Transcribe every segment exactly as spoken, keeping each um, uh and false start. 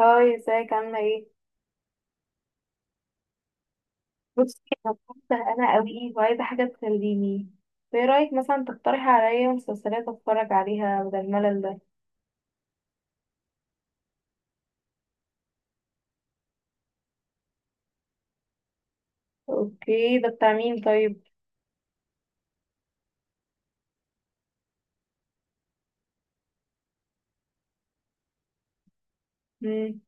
هاي، ازيك عاملة ايه؟ بصي، انا كنت زهقانة قوي وعايزة حاجة تسليني. فايه رأيك مثلا تقترحي عليا مسلسلات اتفرج عليها بدل الملل ده؟ اوكي، ده بتاع مين طيب؟ مم.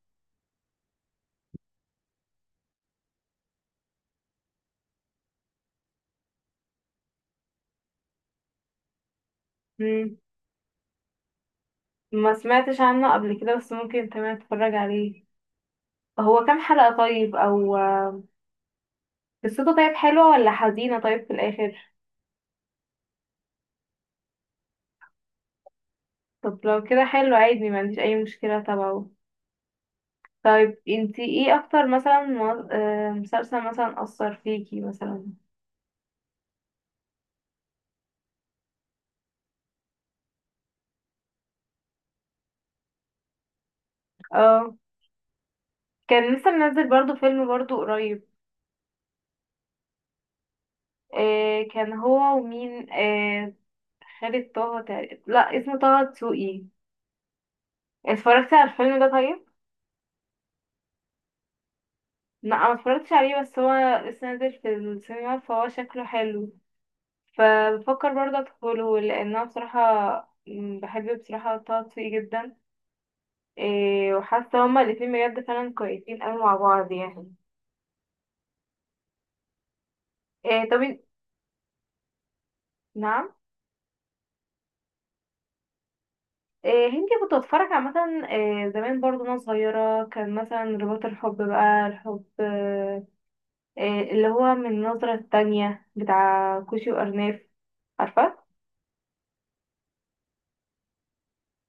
مم. ما سمعتش عنه قبل كده بس ممكن تمام اتفرج عليه. هو كام حلقة طيب؟ او قصته طيب حلوة ولا حزينة طيب في الاخر؟ طب لو كده حلو عادي، ما عنديش اي مشكلة تبعه. طيب انتي ايه اكتر مثلا مو- آه، مسلسل مثلا اثر فيكي مثلا؟ اه، كان لسه منزل برضو فيلم برضو قريب. آه كان هو ومين آه خالد طه تقريبا، لا اسمه طه دسوقي. اتفرجت على الفيلم ده طيب؟ لا، ما اتفرجتش عليه بس هو لسه نازل في السينما فهو شكله حلو، فبفكر برضه ادخله لان انا بصراحه م، بحب بصراحه طه دسوقي جدا. آه وحاسه هما الاتنين بجد فعلا كويسين قوي مع بعض يعني. آه طب إن- نعم؟ إيه، هندي؟ كنت بتفرج عامة، إيه زمان برضو وانا صغيرة، كان مثلا رباط الحب، بقى الحب إيه اللي هو من النظرة التانية بتاع كوشي وأرناف، عارفة.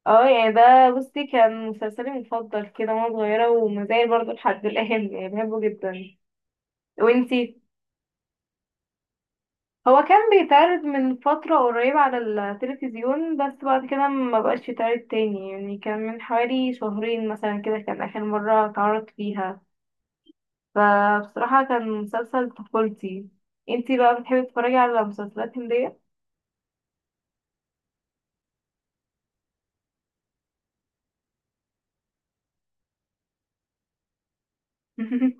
اه، يعني ده بصي كان مسلسلي المفضل كده وانا صغيرة، ومازال برضو لحد الآن، يعني بحبه جدا. وانتي؟ هو كان بيتعرض من فترة قريبة على التلفزيون، بس بعد كده ما بقاش يتعرض تاني، يعني كان من حوالي شهرين مثلا كده كان آخر مرة اتعرض فيها. فبصراحة كان مسلسل طفولتي. انتي بقى بتحبي تتفرجي على مسلسلات هندية؟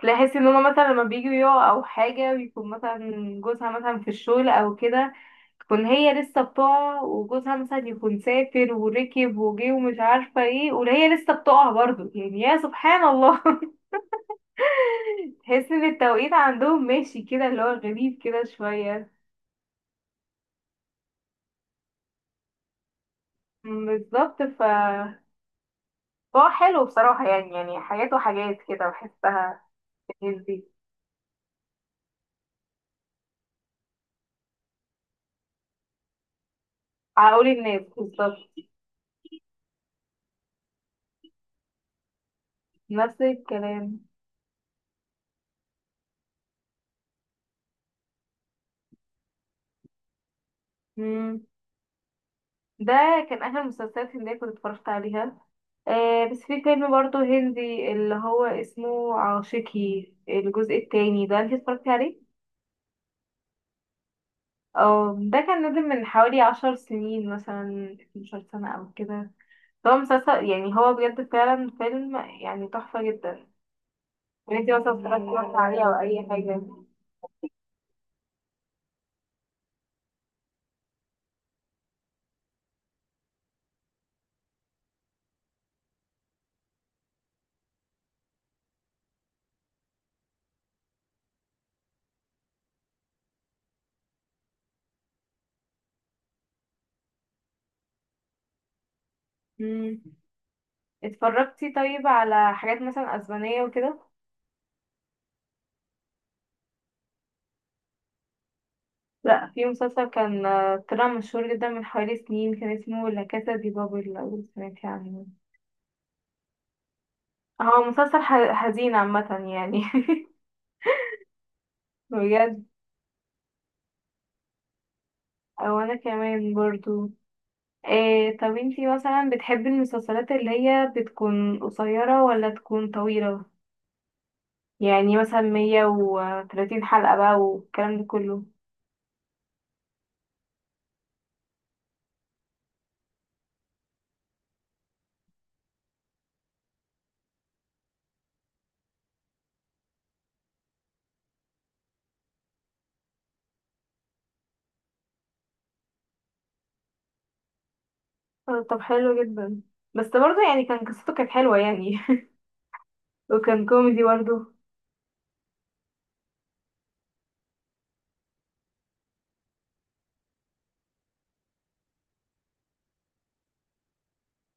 تلاقي ان هما مثلا لما بييجوا يقعوا او حاجة، بيكون مثلا جوزها مثلا في الشغل او كده، تكون هي لسه بتقع، وجوزها مثلا يكون سافر وركب وجه ومش عارفة ايه، وهي لسه بتقع برضه، يعني يا سبحان الله. تحس ان التوقيت عندهم ماشي كده اللي هو غريب كده شوية. مم، بالظبط. ف هو حلو بصراحة، يعني يعني حاجات وحاجات كده بحسها في الناس دي. عقول الناس بالظبط، نفس الكلام. مم. ده كان اخر مسلسلات هندية كنت اتفرجت عليها. آه بس في فيلم برضه هندي اللي هو اسمه عاشقي الجزء التاني، ده انت اتفرجتي عليه؟ اه، ده كان نازل من حوالي عشر سنين، مثلا 12 سنة او كده. هو مسلسل، يعني هو بجد فعلا فيلم يعني تحفة جدا. وانتي مثلا اتفرجتي مثلا عليه او اي حاجة؟ مم. اتفرجتي طيب على حاجات مثلا اسبانية وكده؟ لا، في مسلسل كان آه، طلع مشهور جدا من حوالي سنين، كان اسمه لا كاسا دي بابل، لو سمعتي عنه. هو مسلسل ح- حزين عامة يعني. بجد. او انا كمان برضو. إيه طب انتي مثلا بتحبي المسلسلات اللي هي بتكون قصيرة ولا تكون طويلة، يعني مثلا مية وتلاتين حلقة بقى والكلام ده كله؟ آه، طب حلو جدا، بس برضه يعني كان قصته كانت حلوة يعني. وكان كوميدي برضه.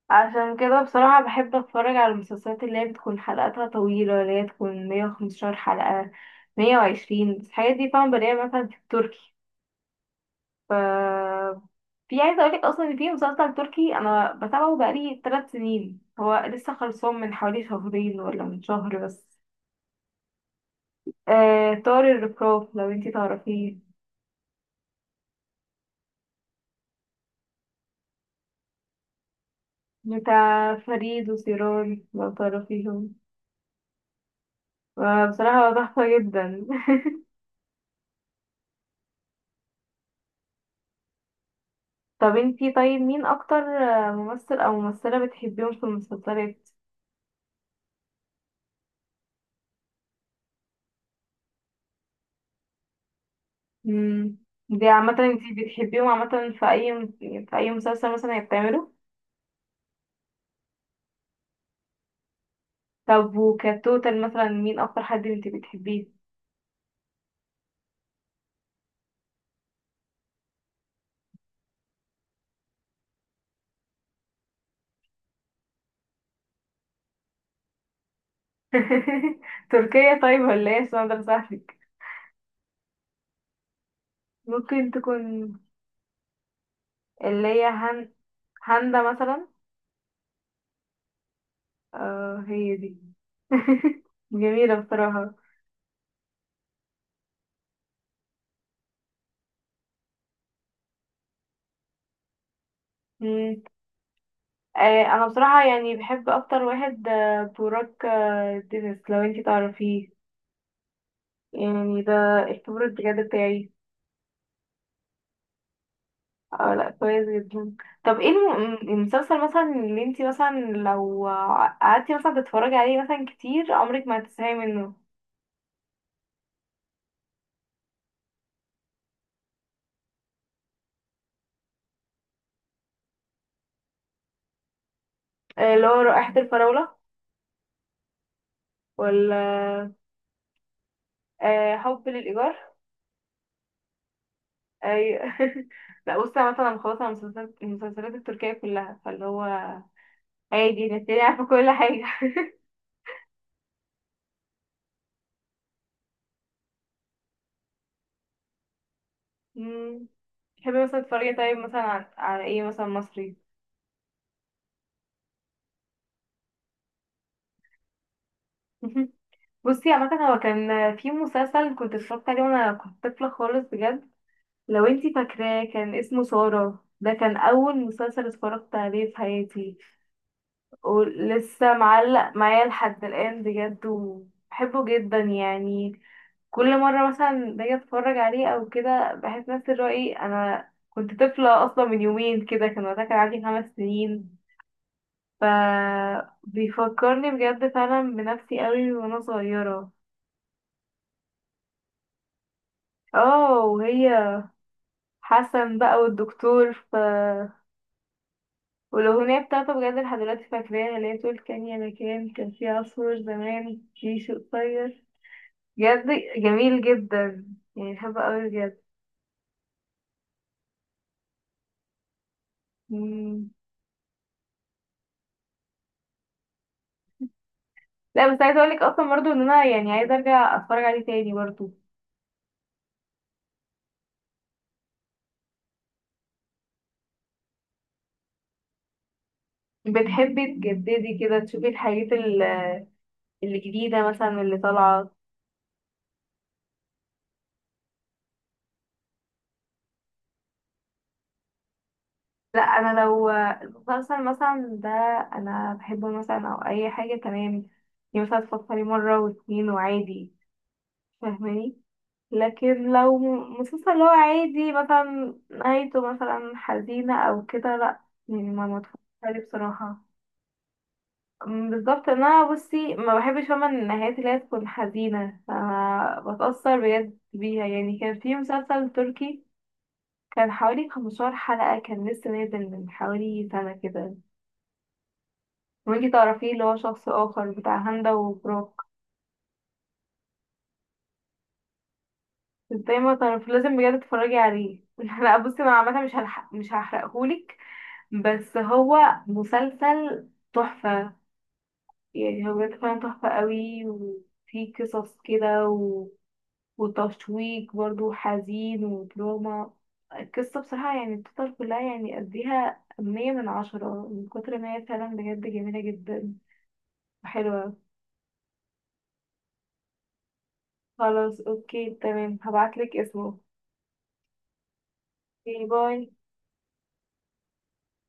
عشان كده بصراحة بحب اتفرج على المسلسلات اللي هي بتكون حلقاتها طويلة، اللي هي تكون مية وخمستاشر حلقة، مية وعشرين، بس الحاجات دي طبعا بلاقيها مثلا في التركي. ف في عايزة اقولك اصلا ان في مسلسل تركي انا بتابعه بقالي تلات سنين، هو لسه خلصان من حوالي شهرين ولا من شهر بس. آه طار الرفراف، لو انتي تعرفيه، بتاع فريد وسيران لو تعرفيهم. آه، بصراحة هو تحفة جدا. طب انتي طيب مين اكتر آه، ممثل او ممثلة بتحبيهم في المسلسلات؟ مم. دي عامة انتي بتحبيهم عامة في اي في اي مسلسل مثلا هي بتعمله؟ طب وكتوتال مثلا مين اكتر حد انتي بتحبيه؟ تركيا طيب ولا ايه عشان اقدر اساعدك؟ ممكن تكون اللي هي هن... هاندا مثلا؟ اه، هي دي. جميلة بصراحة. مم. آه، انا بصراحة يعني بحب اكتر واحد آه، بوراك، آه، دينيس، لو انتي تعرفيه. يعني ده الكبر بجد بتاعي. اه، لا كويس جدا. طب ايه الم- المسلسل مثلا اللي انتي مثلا لو قعدتي مثلا تتفرجي عليه مثلا كتير عمرك ما هتزهقي منه؟ آه، اللي هو رائحة الفراولة؟ ولا آه، حب للإيجار؟ أيوة. لا بصي، أنا مثلا خلاص على المسلسلات المسلسلات التركية كلها فاللي هو عادي، نتيجة عارفة كل حاجة. مم. تحبي مثلا تتفرجي طيب مثلا عن- على ايه مثلا مصري؟ بصي عامة هو كان في مسلسل كنت اتفرجت عليه وانا كنت طفلة خالص بجد، لو انتي فاكراه، كان اسمه سارة، ده كان أول مسلسل اتفرجت عليه في حياتي، ولسه معلق معايا لحد الآن بجد، وبحبه جدا يعني. كل مرة مثلا باجي اتفرج عليه أو كده بحس نفس الرأي، أنا كنت طفلة أصلا من يومين كده، كان وقتها كان عندي خمس سنين. ف بيفكرني بجد فعلا بنفسي قوي وانا صغيرة. اه، وهي حسن بقى والدكتور ف... والأغنية بتاعته بجد لحد دلوقتي فاكراها، اللي هي بتقول كان يا مكان كان في عصفور زمان في شوق طير. بجد جميل جدا، يعني بحبه أوي بجد. مم. لا بس عايزة أقولك أصلا برضه إن أنا يعني عايزة أرجع أتفرج عليه تاني برضه. بتحبي تجددي كده تشوفي الحاجات ال- الجديدة مثلا اللي طالعة. لا، أنا لو مسلسل مثلا ده أنا بحبه مثلا أو أي حاجة تمام، يعني مثلا تفكري مرة واتنين وعادي، فاهماني؟ لكن لو مسلسل اللي هو عادي مثلا نهايته مثلا حزينة او كده، لا، يعني ما متفرجش عليه بصراحة. أم، بالظبط، إن انا بصي ما بحبش، فاهمة النهايات اللي هي تكون حزينة أنا بتأثر بجد بيها. يعني كان في مسلسل تركي كان حوالي 15 حلقة، كان لسه نازل من حوالي سنة كده، وانتي تعرفيه؟ اللي هو شخص آخر، بتاع هندة وبروك. ازاي ما تعرف؟ لازم بجد تتفرجي عليه. لا بصي، انا عامة مش هلحق مش هحرقهولك، بس هو مسلسل تحفة. يعني هو بجد فعلا تحفة قوي، وفيه قصص كده و... وتشويق برضو، حزين ودراما. القصة بصراحة، يعني التوتال كلها، يعني أديها مية من عشرة من كتر ما هي فعلا بجد جميلة جدا وحلوة. خلاص اوكي تمام، هبعتلك اسمه. باي باي.